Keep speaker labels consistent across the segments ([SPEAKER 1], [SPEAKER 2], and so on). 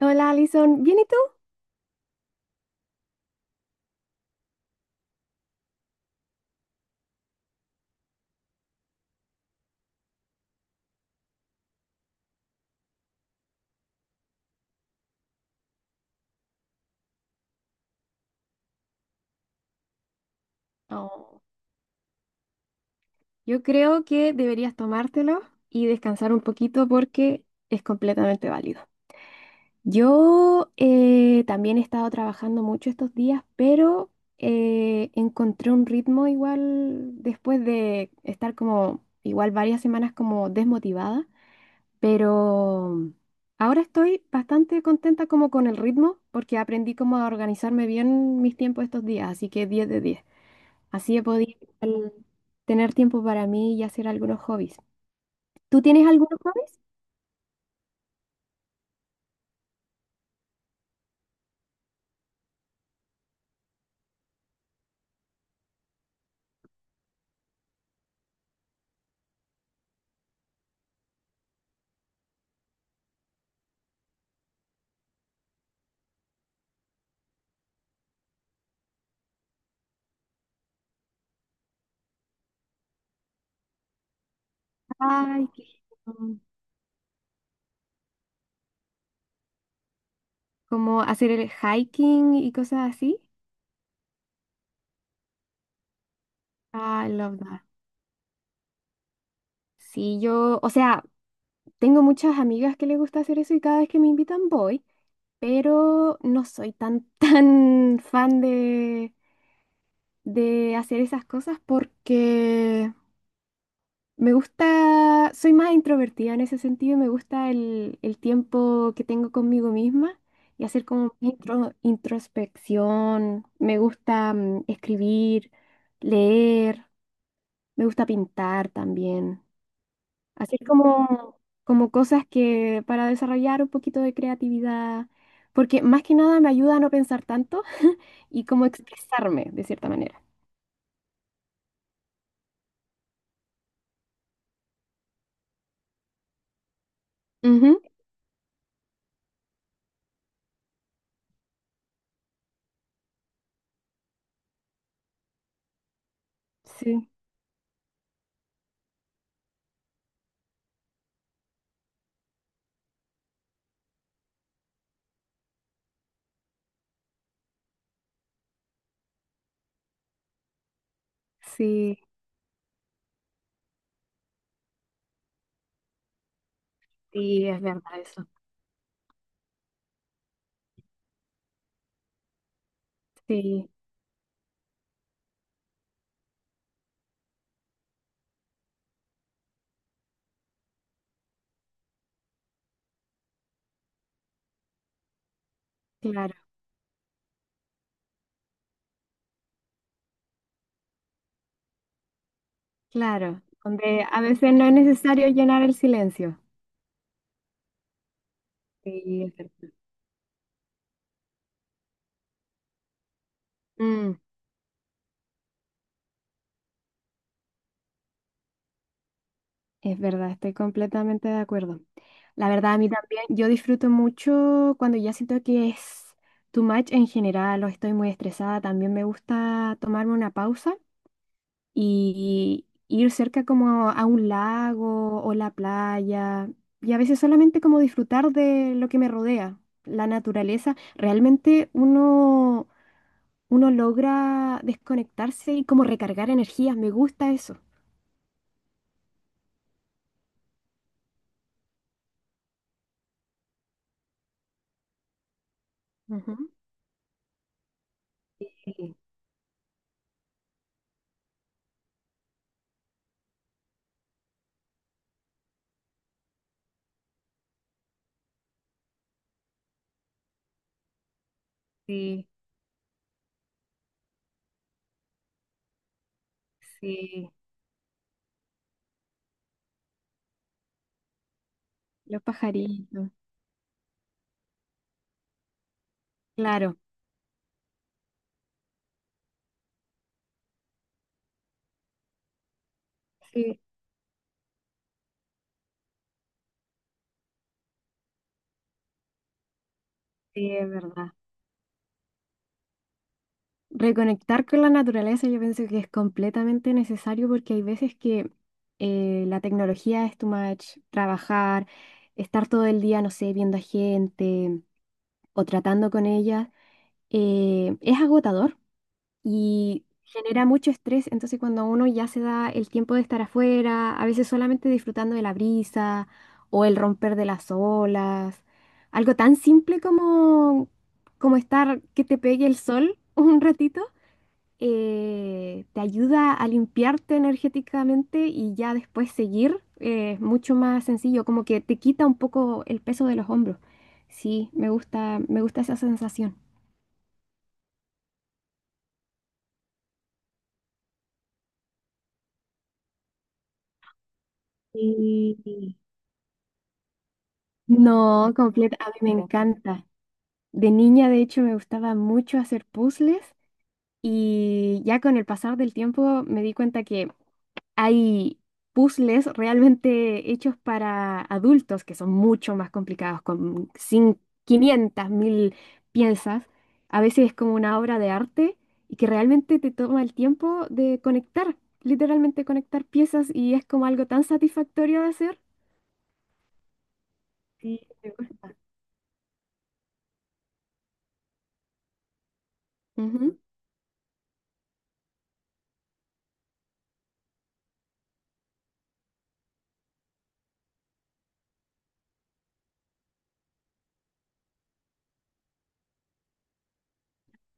[SPEAKER 1] Hola, Alison, ¿bien y tú? Oh, yo creo que deberías tomártelo y descansar un poquito porque es completamente válido. Yo también he estado trabajando mucho estos días, pero encontré un ritmo igual después de estar como igual varias semanas como desmotivada, pero ahora estoy bastante contenta como con el ritmo porque aprendí como a organizarme bien mis tiempos estos días, así que 10 de 10. Así he podido igual tener tiempo para mí y hacer algunos hobbies. ¿Tú tienes algunos hobbies? Ay, qué genial. Como hacer el hiking y cosas así. I love that. Sí, yo, o sea, tengo muchas amigas que les gusta hacer eso y cada vez que me invitan voy, pero no soy tan, tan fan de hacer esas cosas porque me gusta, soy más introvertida en ese sentido, me gusta el tiempo que tengo conmigo misma y hacer como introspección, me gusta escribir, leer, me gusta pintar también, hacer como, como cosas que para desarrollar un poquito de creatividad, porque más que nada me ayuda a no pensar tanto y como expresarme de cierta manera. Ujú. Sí, sí, sí, es verdad eso. Sí, claro. Claro, donde a veces no es necesario llenar el silencio. Sí, es verdad. Mm, es verdad, estoy completamente de acuerdo. La verdad, a mí también, yo disfruto mucho cuando ya siento que es too much en general o estoy muy estresada. También me gusta tomarme una pausa y ir cerca como a un lago o la playa y a veces solamente como disfrutar de lo que me rodea, la naturaleza. Realmente uno logra desconectarse y como recargar energías. Me gusta eso. Ujú. Sí, sí, sí. Los pajaritos. Claro. Sí, sí, es verdad. Reconectar con la naturaleza yo pienso que es completamente necesario porque hay veces que la tecnología es too much, trabajar, estar todo el día, no sé, viendo a gente o tratando con ella, es agotador y genera mucho estrés, entonces cuando uno ya se da el tiempo de estar afuera, a veces solamente disfrutando de la brisa o el romper de las olas, algo tan simple como, como estar que te pegue el sol un ratito, te ayuda a limpiarte energéticamente y ya después seguir, es mucho más sencillo, como que te quita un poco el peso de los hombros. Sí, me gusta esa sensación. No, completa, a mí me encanta. De niña, de hecho, me gustaba mucho hacer puzzles y ya con el pasar del tiempo me di cuenta que hay puzzles realmente hechos para adultos que son mucho más complicados, con 500.000 piezas. A veces es como una obra de arte y que realmente te toma el tiempo de conectar, literalmente conectar piezas y es como algo tan satisfactorio de hacer. Sí, me gusta. Ujú.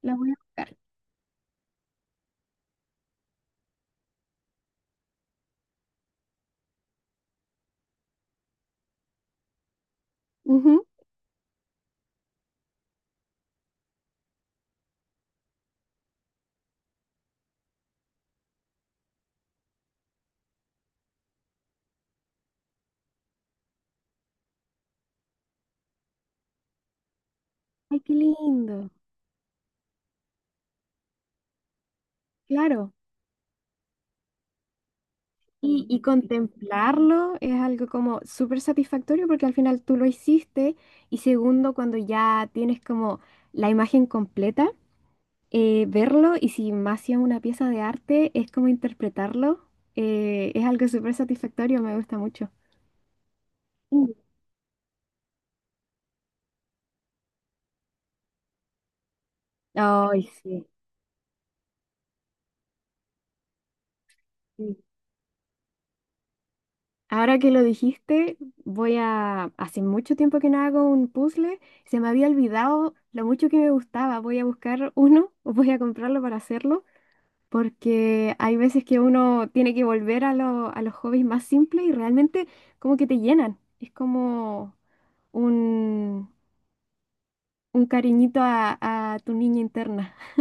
[SPEAKER 1] La voy a buscar. Ujú. Ay, qué lindo. Claro. Y contemplarlo es algo como súper satisfactorio porque al final tú lo hiciste y segundo, cuando ya tienes como la imagen completa, verlo y si más si es una pieza de arte, es como interpretarlo, es algo súper satisfactorio, me gusta mucho. Ay, sí. Ahora que lo dijiste, voy a... Hace mucho tiempo que no hago un puzzle, se me había olvidado lo mucho que me gustaba, voy a buscar uno o voy a comprarlo para hacerlo, porque hay veces que uno tiene que volver a, a los hobbies más simples y realmente como que te llenan. Es como un, un cariñito a tu niña interna.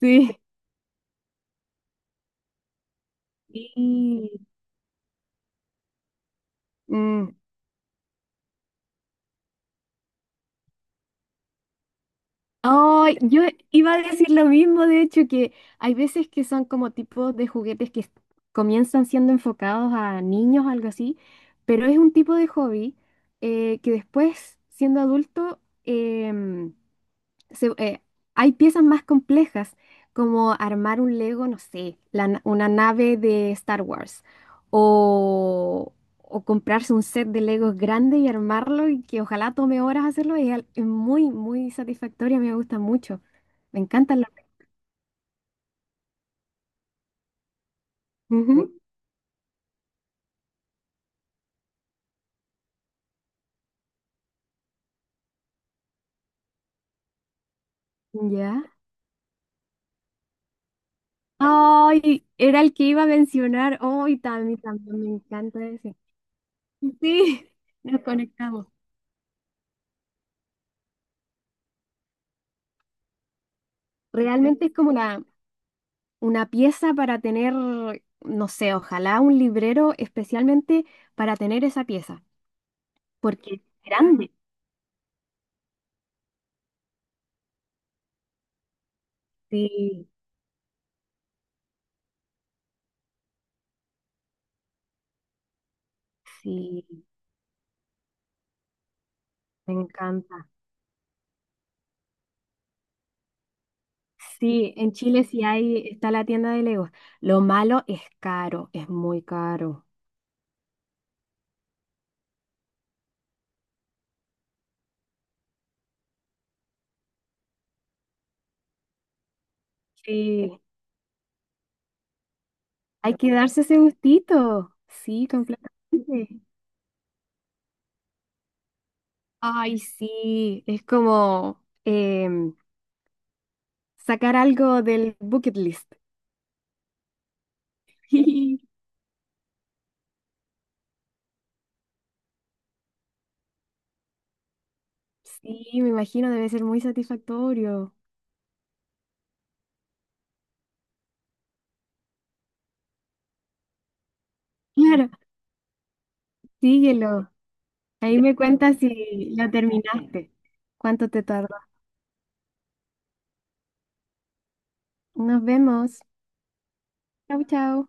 [SPEAKER 1] Sí. Sí. Mm. Ay, yo iba a decir lo mismo, de hecho, que hay veces que son como tipos de juguetes que comienzan siendo enfocados a niños, algo así, pero es un tipo de hobby que después, siendo adulto, se- eh, hay piezas más complejas, como armar un Lego, no sé, una nave de Star Wars, o, o comprarse un set de Legos grande y armarlo, y que ojalá tome horas hacerlo, y es, es muy, muy satisfactoria, me gusta mucho. Me encantan los... Ujú, ¿ya? Ay, era el que iba a mencionar. Ay, también, también me encanta ese. Sí, nos conectamos. Realmente es como la una pieza para tener, no sé, ojalá un librero especialmente para tener esa pieza, porque es grande. Sí, sí, me encanta. Sí, en Chile sí hay, está la tienda de Legos. Lo malo es caro, es muy caro. Sí, hay que darse ese gustito. Sí, completamente. Ay, sí, es como em, sacar algo del bucket list. Sí, me imagino, debe ser muy satisfactorio. Claro, síguelo. Ahí me cuentas si la terminaste. ¿Cuánto te tardó? Nos vemos. Chau, chau.